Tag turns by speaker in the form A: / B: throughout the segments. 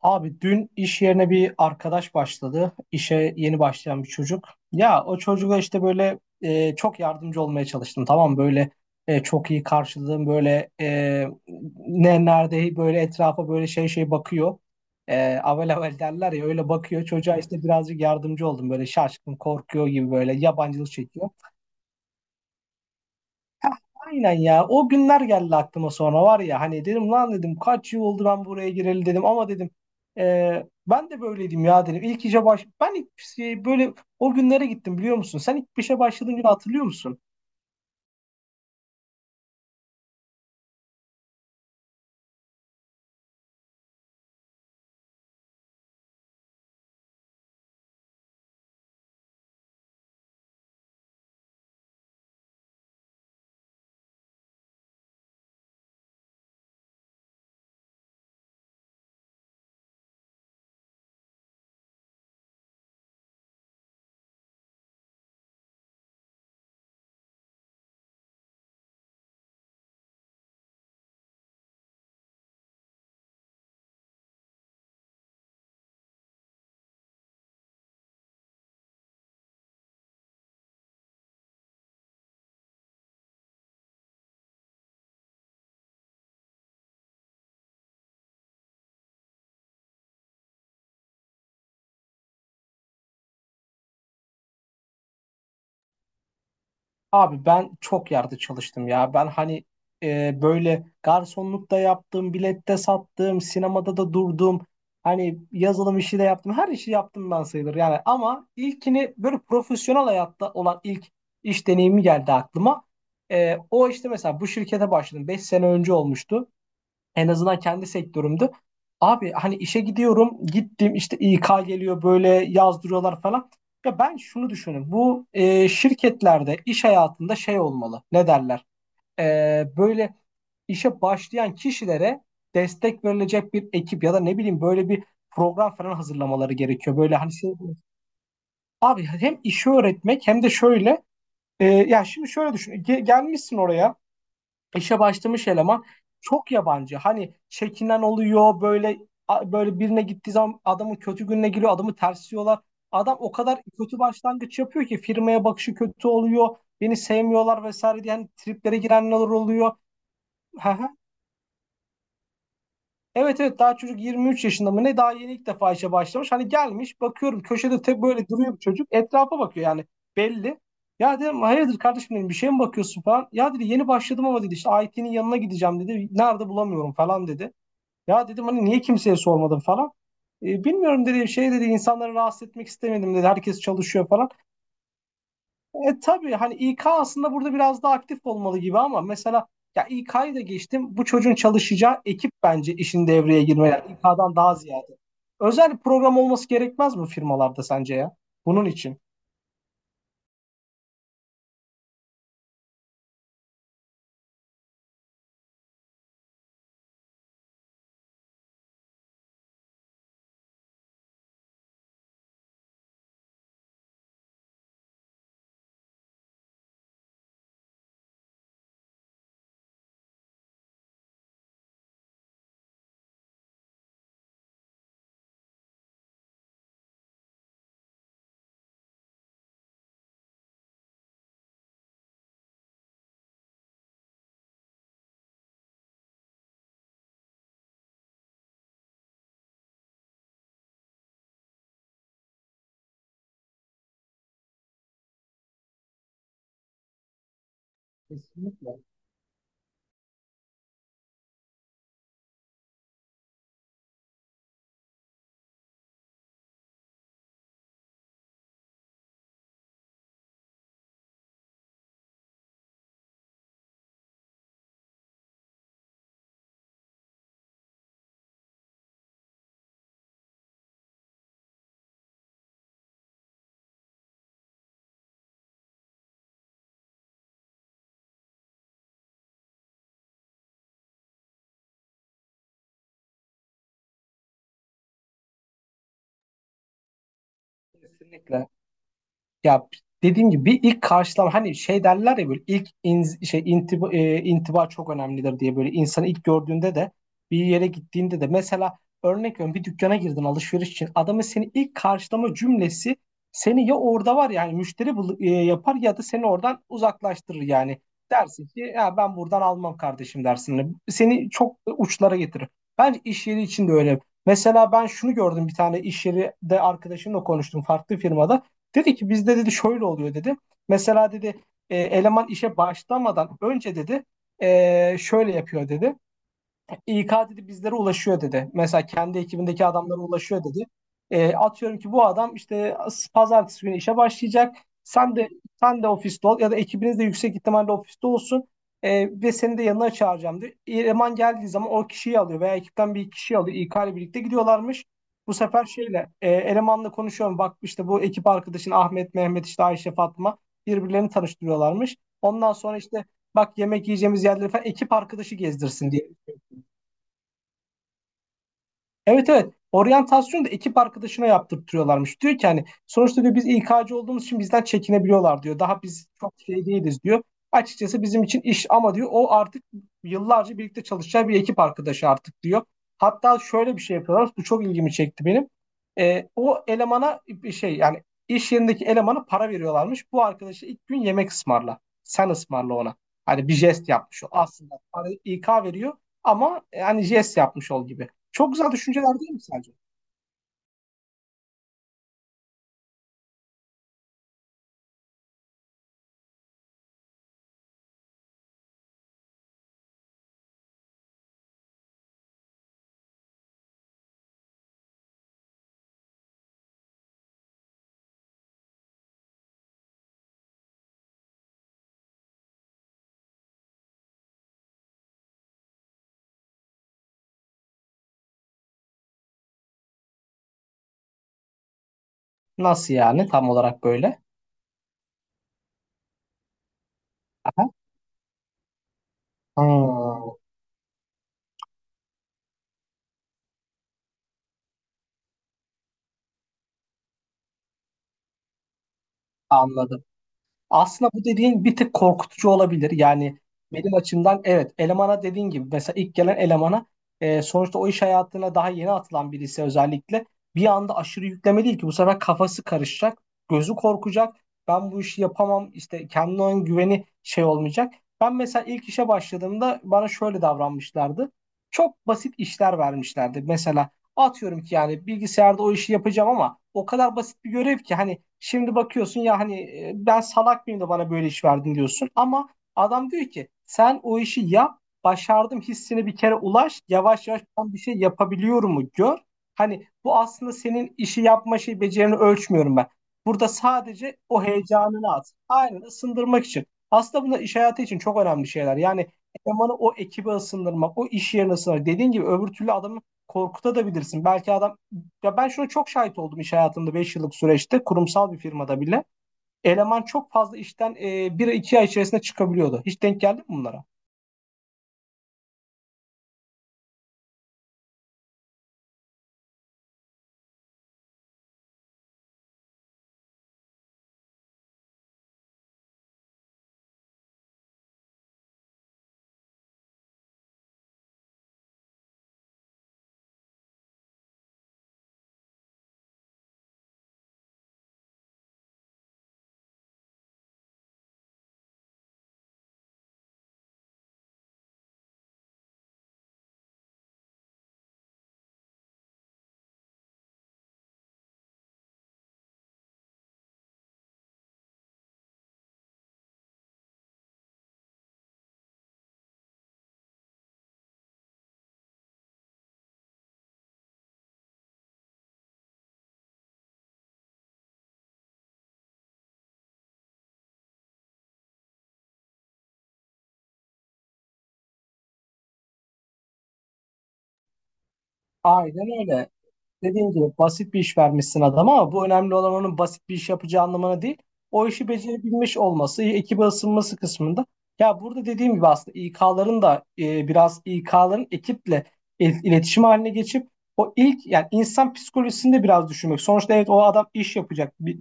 A: Abi dün iş yerine bir arkadaş başladı. İşe yeni başlayan bir çocuk. Ya o çocuğa işte böyle çok yardımcı olmaya çalıştım. Tamam mı? Böyle çok iyi karşıladım. Böyle ne nerede böyle etrafa böyle şey bakıyor. Avel avel derler ya öyle bakıyor. Çocuğa işte birazcık yardımcı oldum. Böyle şaşkın korkuyor gibi böyle yabancılık çekiyor. Heh, aynen ya. O günler geldi aklıma sonra var ya hani dedim lan dedim kaç yıl oldu ben buraya gireli dedim ama dedim ben de böyleydim ya dedim. İlk işe baş ben ilk şey, böyle o günlere gittim biliyor musun? Sen ilk işe başladığın günü hatırlıyor musun? Abi ben çok yerde çalıştım ya. Ben hani böyle garsonlukta yaptım, bilette sattım, sinemada da durdum. Hani yazılım işi de yaptım. Her işi yaptım ben sayılır yani. Ama ilkini böyle profesyonel hayatta olan ilk iş deneyimi geldi aklıma. O işte mesela bu şirkete başladım. 5 sene önce olmuştu. En azından kendi sektörümde. Abi hani işe gidiyorum, gittim işte İK geliyor böyle yazdırıyorlar falan. Ya ben şunu düşünüyorum. Bu şirketlerde iş hayatında şey olmalı. Ne derler? E, böyle işe başlayan kişilere destek verilecek bir ekip ya da ne bileyim böyle bir program falan hazırlamaları gerekiyor. Böyle hani şey. Abi hem işi öğretmek hem de şöyle ya şimdi şöyle düşün. Gelmişsin oraya. İşe başlamış eleman çok yabancı. Hani çekinen oluyor böyle böyle birine gittiği zaman adamın kötü gününe giriyor, adamı tersliyorlar. Adam o kadar kötü başlangıç yapıyor ki firmaya bakışı kötü oluyor. Beni sevmiyorlar vesaire diye hani triplere girenler oluyor. Evet evet, daha çocuk 23 yaşında mı ne, daha yeni ilk defa işe başlamış. Hani gelmiş bakıyorum köşede tek böyle duruyor bir çocuk etrafa bakıyor yani belli. Ya dedim hayırdır kardeşim dedim bir şey mi bakıyorsun falan. Ya dedi yeni başladım ama dedi işte IT'nin yanına gideceğim dedi. Nerede bulamıyorum falan dedi. Ya dedim hani niye kimseye sormadım falan. Bilmiyorum dedi şey dedi insanları rahatsız etmek istemedim dedi. Herkes çalışıyor falan. Tabii hani İK aslında burada biraz daha aktif olmalı gibi ama mesela ya İK'yı da geçtim. Bu çocuğun çalışacağı ekip bence işin devreye girmeli. Yani İK'dan daha ziyade. Özel bir program olması gerekmez mi firmalarda sence ya? Bunun için. Kesinlikle. Kesinlikle. Ya dediğim gibi bir ilk karşılama hani şey derler ya böyle ilk in, şey intiba çok önemlidir diye böyle insanı ilk gördüğünde de bir yere gittiğinde de mesela örnek veriyorum bir dükkana girdin alışveriş için adamın seni ilk karşılama cümlesi seni ya orada var yani müşteri yapar ya da seni oradan uzaklaştırır yani dersin ki ya ben buradan almam kardeşim dersin. Hani seni çok uçlara getirir. Bence iş yeri için de öyle. Mesela ben şunu gördüm bir tane iş yeri de arkadaşımla konuştum farklı firmada. Dedi ki bizde dedi şöyle oluyor dedi. Mesela dedi eleman işe başlamadan önce dedi şöyle yapıyor dedi. İK dedi bizlere ulaşıyor dedi. Mesela kendi ekibindeki adamlara ulaşıyor dedi. Atıyorum ki bu adam işte pazartesi günü işe başlayacak. Sen de sen de ofiste ol ya da ekibiniz de yüksek ihtimalle ofiste olsun. Ve seni de yanına çağıracağım diyor. Eleman geldiği zaman o kişiyi alıyor veya ekipten bir kişiyi alıyor. İK ile birlikte gidiyorlarmış. Bu sefer elemanla konuşuyorum. Bak işte bu ekip arkadaşın Ahmet, Mehmet, işte Ayşe, Fatma, birbirlerini tanıştırıyorlarmış. Ondan sonra işte bak yemek yiyeceğimiz yerleri falan ekip arkadaşı gezdirsin diye. Evet, evet. Oryantasyonu da ekip arkadaşına yaptırtıyorlarmış. Diyor ki hani sonuçta diyor biz İK'cı olduğumuz için bizden çekinebiliyorlar diyor. Daha biz çok şey değiliz diyor. Açıkçası bizim için iş ama diyor o artık yıllarca birlikte çalışacağı bir ekip arkadaşı artık diyor. Hatta şöyle bir şey yapıyorlar. Bu çok ilgimi çekti benim. O elemana bir şey yani iş yerindeki elemana para veriyorlarmış. Bu arkadaşı ilk gün yemek ısmarla. Sen ısmarla ona. Hani bir jest yapmış o. Aslında para İK veriyor ama yani jest yapmış ol gibi. Çok güzel düşünceler değil mi sence? Nasıl yani tam olarak böyle? Aha. Ha, anladım. Aslında bu dediğin bir tık korkutucu olabilir. Yani benim açımdan evet, elemana dediğin gibi mesela ilk gelen elemana sonuçta o iş hayatına daha yeni atılan birisi özellikle bir anda aşırı yükleme değil ki bu sefer kafası karışacak, gözü korkacak. Ben bu işi yapamam işte, kendine olan güveni şey olmayacak. Ben mesela ilk işe başladığımda bana şöyle davranmışlardı. Çok basit işler vermişlerdi. Mesela atıyorum ki yani bilgisayarda o işi yapacağım ama o kadar basit bir görev ki hani şimdi bakıyorsun ya hani ben salak mıyım da bana böyle iş verdin diyorsun, ama adam diyor ki sen o işi yap başardım hissine bir kere ulaş yavaş yavaş ben bir şey yapabiliyorum mu gör. Hani bu aslında senin işi yapma şey becerini ölçmüyorum ben. Burada sadece o heyecanını at. Aynen, ısındırmak için. Aslında bunlar iş hayatı için çok önemli şeyler. Yani elemanı o ekibe ısındırmak, o iş yerine ısındırmak. Dediğin gibi öbür türlü adamın korkutabilirsin. Belki adam, ya ben şuna çok şahit oldum iş hayatımda, 5 yıllık süreçte kurumsal bir firmada bile. Eleman çok fazla işten bir iki ay içerisinde çıkabiliyordu. Hiç denk geldi mi bunlara? Aynen öyle. Dediğim gibi basit bir iş vermişsin adama ama bu önemli, olan onun basit bir iş yapacağı anlamına değil. O işi becerebilmiş olması, ekibe ısınması kısmında. Ya burada dediğim gibi aslında İK'ların da biraz İK'ların ekiple iletişim haline geçip o ilk yani insan psikolojisini de biraz düşünmek. Sonuçta evet, o adam iş yapacak. Bir,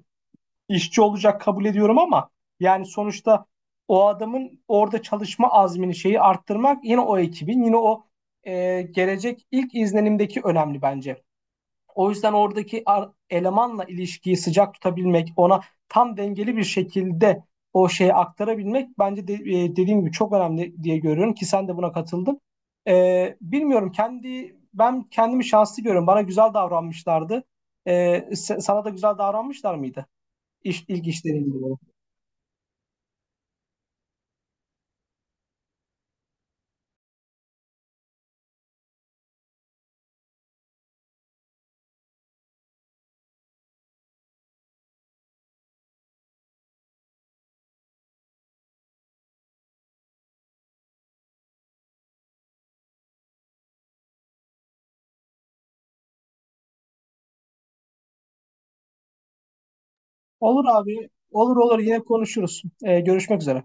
A: işçi olacak kabul ediyorum ama yani sonuçta o adamın orada çalışma azmini şeyi arttırmak yine o ekibin yine o gelecek ilk izlenimdeki önemli bence. O yüzden oradaki elemanla ilişkiyi sıcak tutabilmek, ona tam dengeli bir şekilde o şeyi aktarabilmek bence de, dediğim gibi çok önemli diye görüyorum ki sen de buna katıldın. Bilmiyorum, kendi ben kendimi şanslı görüyorum. Bana güzel davranmışlardı. E, Sana da güzel davranmışlar mıydı? İş, ilk işlerimdi bu. Olur abi. Olur olur, yine konuşuruz. Görüşmek üzere.